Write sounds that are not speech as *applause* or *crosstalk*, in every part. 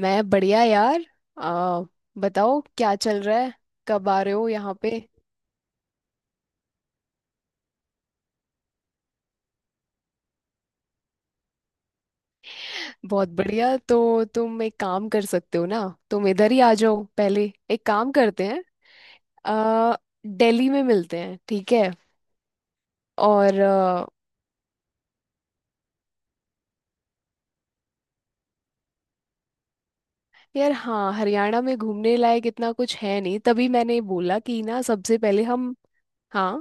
मैं बढ़िया यार। आ, बताओ क्या चल रहा है। कब आ रहे हो यहाँ पे। बहुत बढ़िया, तो तुम एक काम कर सकते हो ना, तुम इधर ही आ जाओ पहले। एक काम करते हैं, आ, दिल्ली में मिलते हैं, ठीक है। और यार हाँ, हरियाणा में घूमने लायक इतना कुछ है नहीं, तभी मैंने बोला कि ना सबसे पहले हम हाँ।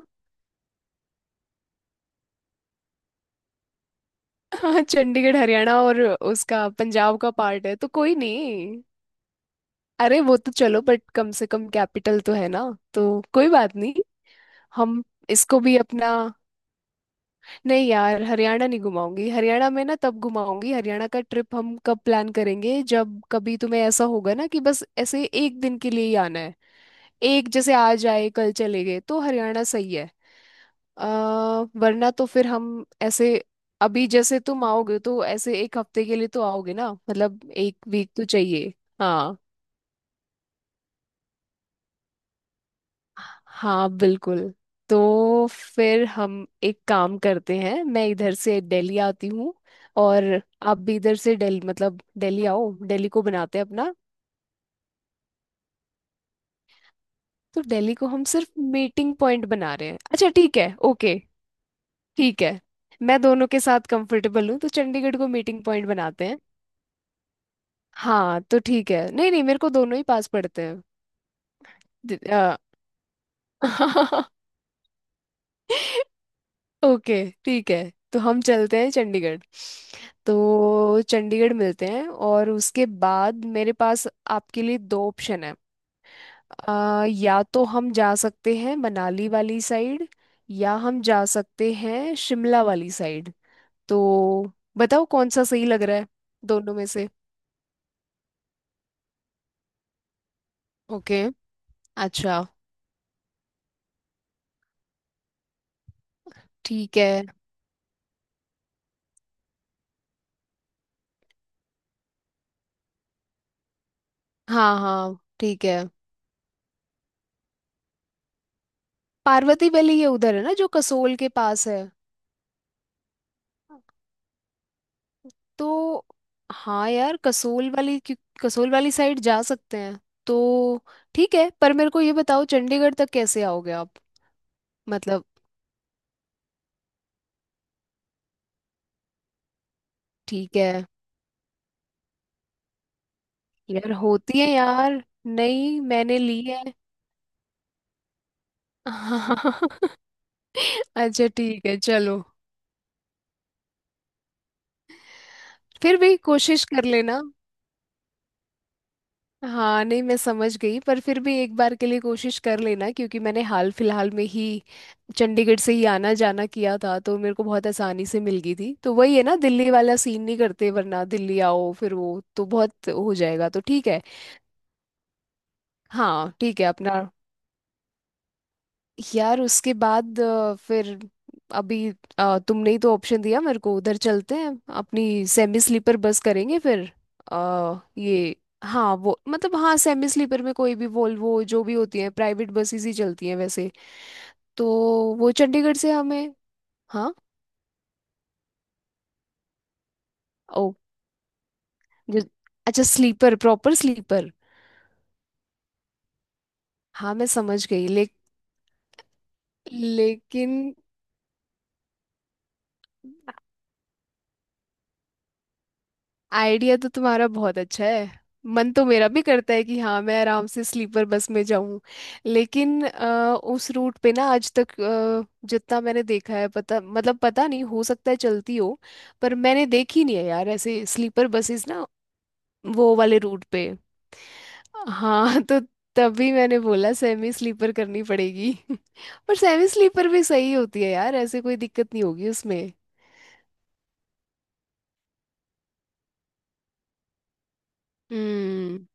*laughs* चंडीगढ़ हरियाणा और उसका पंजाब का पार्ट है, तो कोई नहीं। अरे वो तो चलो, बट कम से कम कैपिटल तो है ना। तो कोई बात नहीं। हम इसको भी अपना नहीं यार, हरियाणा नहीं घुमाऊंगी, हरियाणा में ना तब घुमाऊंगी, हरियाणा का ट्रिप हम कब प्लान करेंगे, जब कभी तुम्हें ऐसा होगा ना कि बस ऐसे एक दिन के लिए ही आना है। एक जैसे आज आए कल चले गए, तो हरियाणा सही है। अ, वरना तो फिर हम ऐसे अभी जैसे तुम आओगे तो ऐसे एक हफ्ते के लिए तो आओगे ना, मतलब एक वीक तो चाहिए। हाँ हाँ, बिल्कुल। तो फिर हम एक काम करते हैं, मैं इधर से दिल्ली आती हूँ। और आप भी इधर से दिल्ली, मतलब दिल्ली आओ, दिल्ली को बनाते हैं अपना। तो दिल्ली को हम सिर्फ मीटिंग पॉइंट बना रहे हैं, अच्छा ठीक है, ओके। ठीक है। मैं दोनों के साथ कंफर्टेबल हूँ, तो चंडीगढ़ को मीटिंग पॉइंट बनाते हैं। हाँ तो ठीक है, नहीं नहीं, मेरे को दोनों ही पास पड़ते हैं। दि- अ, *laughs* ओके, ठीक है। तो हम चलते हैं चंडीगढ़। तो चंडीगढ़ मिलते हैं, और उसके बाद मेरे पास आपके लिए दो ऑप्शन है। या तो हम जा सकते हैं मनाली वाली साइड, या हम जा सकते हैं शिमला वाली साइड। तो बताओ कौन सा सही लग रहा है, दोनों में से। ओके। अच्छा ठीक है। हाँ हाँ, ठीक है। पार्वती वैली ये उधर है ना जो कसोल के पास है। तो हाँ यार, कसोल वाली कसोल वाली साइड जा सकते हैं। तो ठीक है, पर मेरे को ये बताओ चंडीगढ़ तक कैसे आओगे आप। मतलब ठीक है। यार होती है यार, नहीं मैंने ली है। *laughs* अच्छा ठीक है, चलो। फिर भी कोशिश कर लेना। हाँ नहीं, मैं समझ गई पर फिर भी एक बार के लिए कोशिश कर लेना, क्योंकि मैंने हाल फिलहाल में ही चंडीगढ़ से ही आना जाना किया था, तो मेरे को बहुत आसानी से मिल गई थी, तो वही है ना, दिल्ली वाला सीन नहीं करते वरना दिल्ली आओ फिर वो तो बहुत हो जाएगा, तो ठीक है। हाँ ठीक है अपना। यार उसके बाद फिर अभी तुमने ही तो ऑप्शन दिया मेरे को, उधर चलते हैं, अपनी सेमी स्लीपर बस करेंगे फिर। ये हाँ वो मतलब, हाँ सेमी स्लीपर में कोई भी वोल्वो जो भी होती है, प्राइवेट बसेस ही चलती हैं वैसे। तो वो चंडीगढ़ से हमें हाँ। ओ जो अच्छा स्लीपर, प्रॉपर स्लीपर। हाँ मैं समझ गई लेकिन आइडिया तो तुम्हारा बहुत अच्छा है। मन तो मेरा भी करता है कि हाँ मैं आराम से स्लीपर बस में जाऊं। लेकिन उस रूट पे ना आज तक जितना मैंने देखा है, पता मतलब पता नहीं, हो सकता है चलती हो, पर मैंने देखी नहीं है यार ऐसे स्लीपर बसेस ना, वो वाले रूट पे। हाँ *laughs* तो तभी मैंने बोला सेमी स्लीपर करनी पड़ेगी। *laughs* पर सेमी स्लीपर भी सही होती है यार, ऐसे कोई दिक्कत नहीं होगी उसमें। हम्म।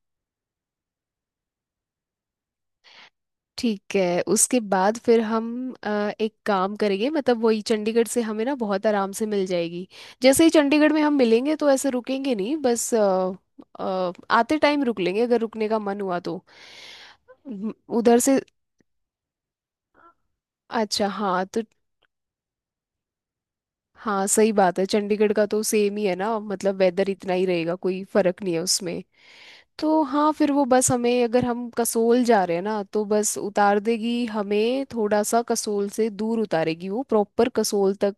ठीक है, उसके बाद फिर हम अ, एक काम करेंगे, मतलब वही चंडीगढ़ से हमें ना बहुत आराम से मिल जाएगी। जैसे ही चंडीगढ़ में हम मिलेंगे, तो ऐसे रुकेंगे नहीं बस, आते टाइम रुक लेंगे अगर रुकने का मन हुआ तो। उधर से अच्छा हाँ तो हाँ सही बात है, चंडीगढ़ का तो सेम ही है ना, मतलब वेदर इतना ही रहेगा, कोई फर्क नहीं है उसमें। तो हाँ फिर वो बस हमें, अगर हम कसोल जा रहे हैं ना, तो बस उतार देगी हमें थोड़ा सा कसोल से दूर, उतारेगी वो प्रॉपर कसोल तक।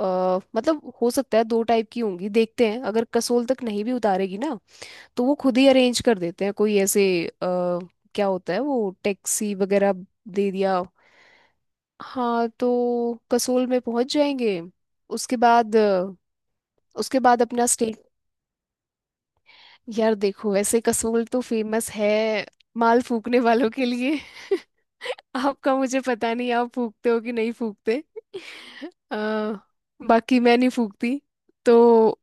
मतलब हो सकता है दो टाइप की होंगी, देखते हैं, अगर कसोल तक नहीं भी उतारेगी ना, तो वो खुद ही अरेंज कर देते हैं, कोई ऐसे क्या होता है वो, टैक्सी वगैरह दे दिया। हाँ तो कसोल में पहुंच जाएंगे। उसके बाद उसके बाद अपना स्टेट यार देखो वैसे कसोल तो फेमस है माल फूकने वालों के लिए। *laughs* आपका मुझे पता नहीं आप फूकते हो कि नहीं फूकते। *laughs* अ, बाकी मैं नहीं फूकती। तो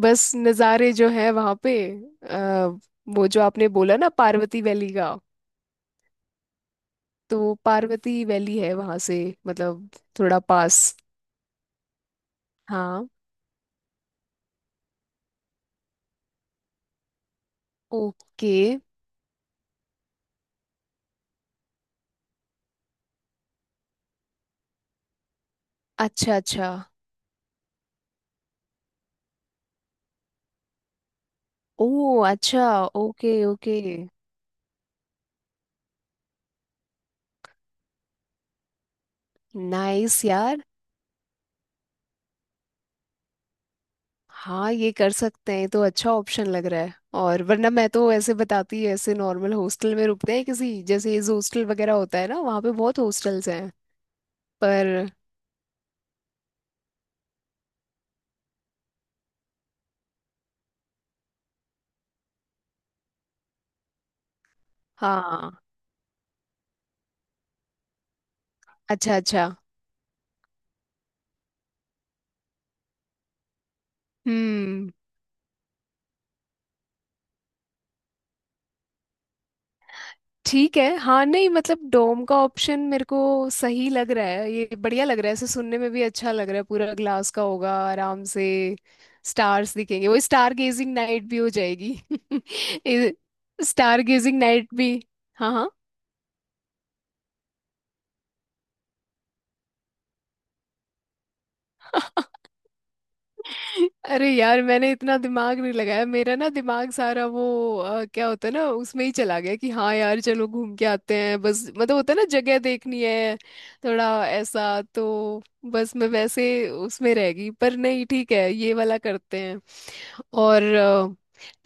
बस नज़ारे जो है वहाँ पे, आ, वो जो आपने बोला ना पार्वती वैली का, तो पार्वती वैली है वहाँ से, मतलब थोड़ा पास। हाँ। ओके। अच्छा अच्छा। ओ अच्छा, ओके ओके। नाइस यार। हाँ ये कर सकते हैं, ये तो अच्छा ऑप्शन लग रहा है। और वरना मैं तो ऐसे बताती ऐसे नॉर्मल हॉस्टल में रुकते हैं किसी, जैसे ये हॉस्टल वगैरह होता है ना, वहाँ पे बहुत हॉस्टल्स हैं। पर हाँ। अच्छा अच्छा। हम्म, ठीक है, हाँ नहीं मतलब डोम का ऑप्शन मेरे को सही लग रहा है, ये बढ़िया लग रहा है, ऐसे सुनने में भी अच्छा लग रहा है, पूरा ग्लास का होगा आराम से, स्टार्स दिखेंगे, वो स्टार गेजिंग नाइट भी हो जाएगी। *laughs* स्टार गेजिंग नाइट भी। हाँ हाँ। *laughs* अरे यार, मैंने इतना दिमाग नहीं लगाया, मेरा ना दिमाग सारा वो क्या होता है ना उसमें ही चला गया कि हाँ यार चलो घूम के आते हैं बस, मतलब होता है ना जगह देखनी है, थोड़ा ऐसा तो बस मैं वैसे उसमें रह गई, पर नहीं ठीक है ये वाला करते हैं। और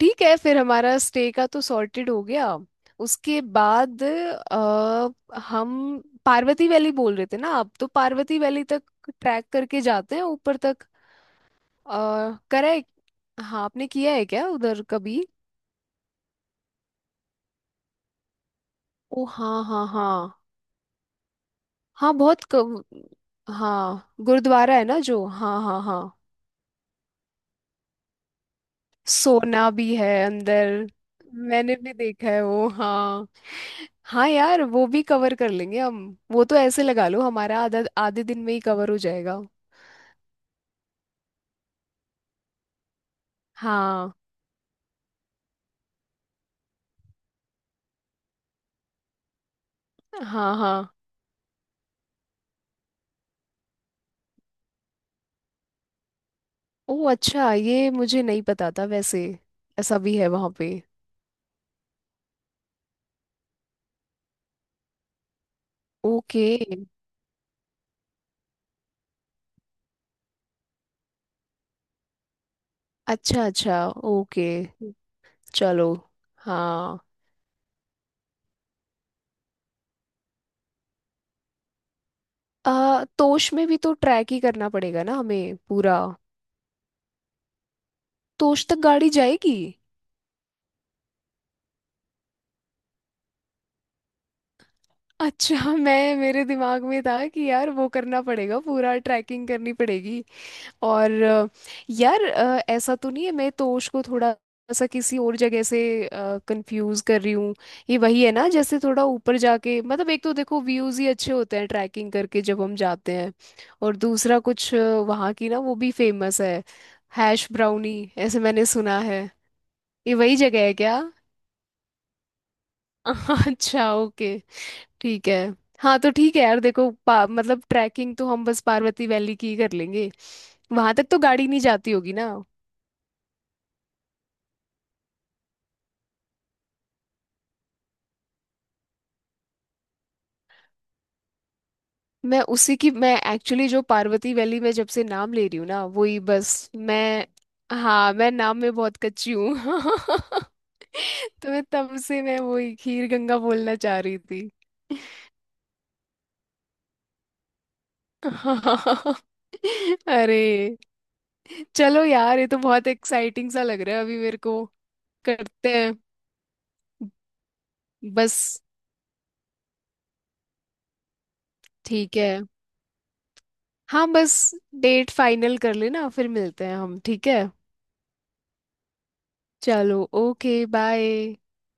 ठीक है फिर हमारा स्टे का तो सॉर्टेड हो गया। उसके बाद हम पार्वती वैली बोल रहे थे ना आप, तो पार्वती वैली तक ट्रैक करके जाते हैं ऊपर तक। और करा है हाँ आपने किया है क्या उधर कभी। ओ हाँ हाँ हाँ। हाँ बहुत कम। हाँ गुरुद्वारा है ना जो, हाँ हाँ हाँ। सोना भी है अंदर। मैंने भी देखा है वो, हाँ। हाँ यार वो भी कवर कर लेंगे हम, वो तो ऐसे लगा लो हमारा आधा आधे दिन में ही कवर हो जाएगा। हाँ हाँ हाँ। ओ अच्छा, ये मुझे नहीं पता था वैसे। ऐसा भी है वहाँ पे। ओके। अच्छा अच्छा। ओके। चलो। हाँ। तोश में भी तो ट्रैक ही करना पड़ेगा ना हमें पूरा। तोश तक गाड़ी जाएगी। अच्छा *laughs* मैं मेरे दिमाग में था कि यार वो करना पड़ेगा, पूरा ट्रैकिंग करनी पड़ेगी। और यार ऐसा तो नहीं है मैं तोश को थोड़ा सा किसी और जगह से कंफ्यूज कर रही हूँ। ये वही है ना जैसे थोड़ा ऊपर जाके, मतलब एक तो देखो व्यूज ही अच्छे होते हैं ट्रैकिंग करके जब हम जाते हैं, और दूसरा कुछ वहाँ की ना वो भी फेमस है, हैश ब्राउनी ऐसे मैंने सुना है। ये वही जगह है क्या। *laughs* अच्छा ओके, ठीक है। हाँ तो ठीक है यार देखो मतलब ट्रैकिंग तो हम बस पार्वती वैली की ही कर लेंगे। वहां तक तो गाड़ी नहीं जाती होगी ना। मैं उसी की मैं एक्चुअली जो पार्वती वैली में जब से नाम ले रही हूँ ना वही बस मैं हाँ मैं नाम में बहुत कच्ची हूँ। *laughs* तो मैं तब से मैं वही खीर गंगा बोलना चाह रही थी। *laughs* अरे चलो यार ये तो बहुत एक्साइटिंग सा लग रहा है अभी मेरे को। करते हैं बस। ठीक है, हाँ बस डेट फाइनल कर लेना, फिर मिलते हैं हम, ठीक है। चलो ओके बाय।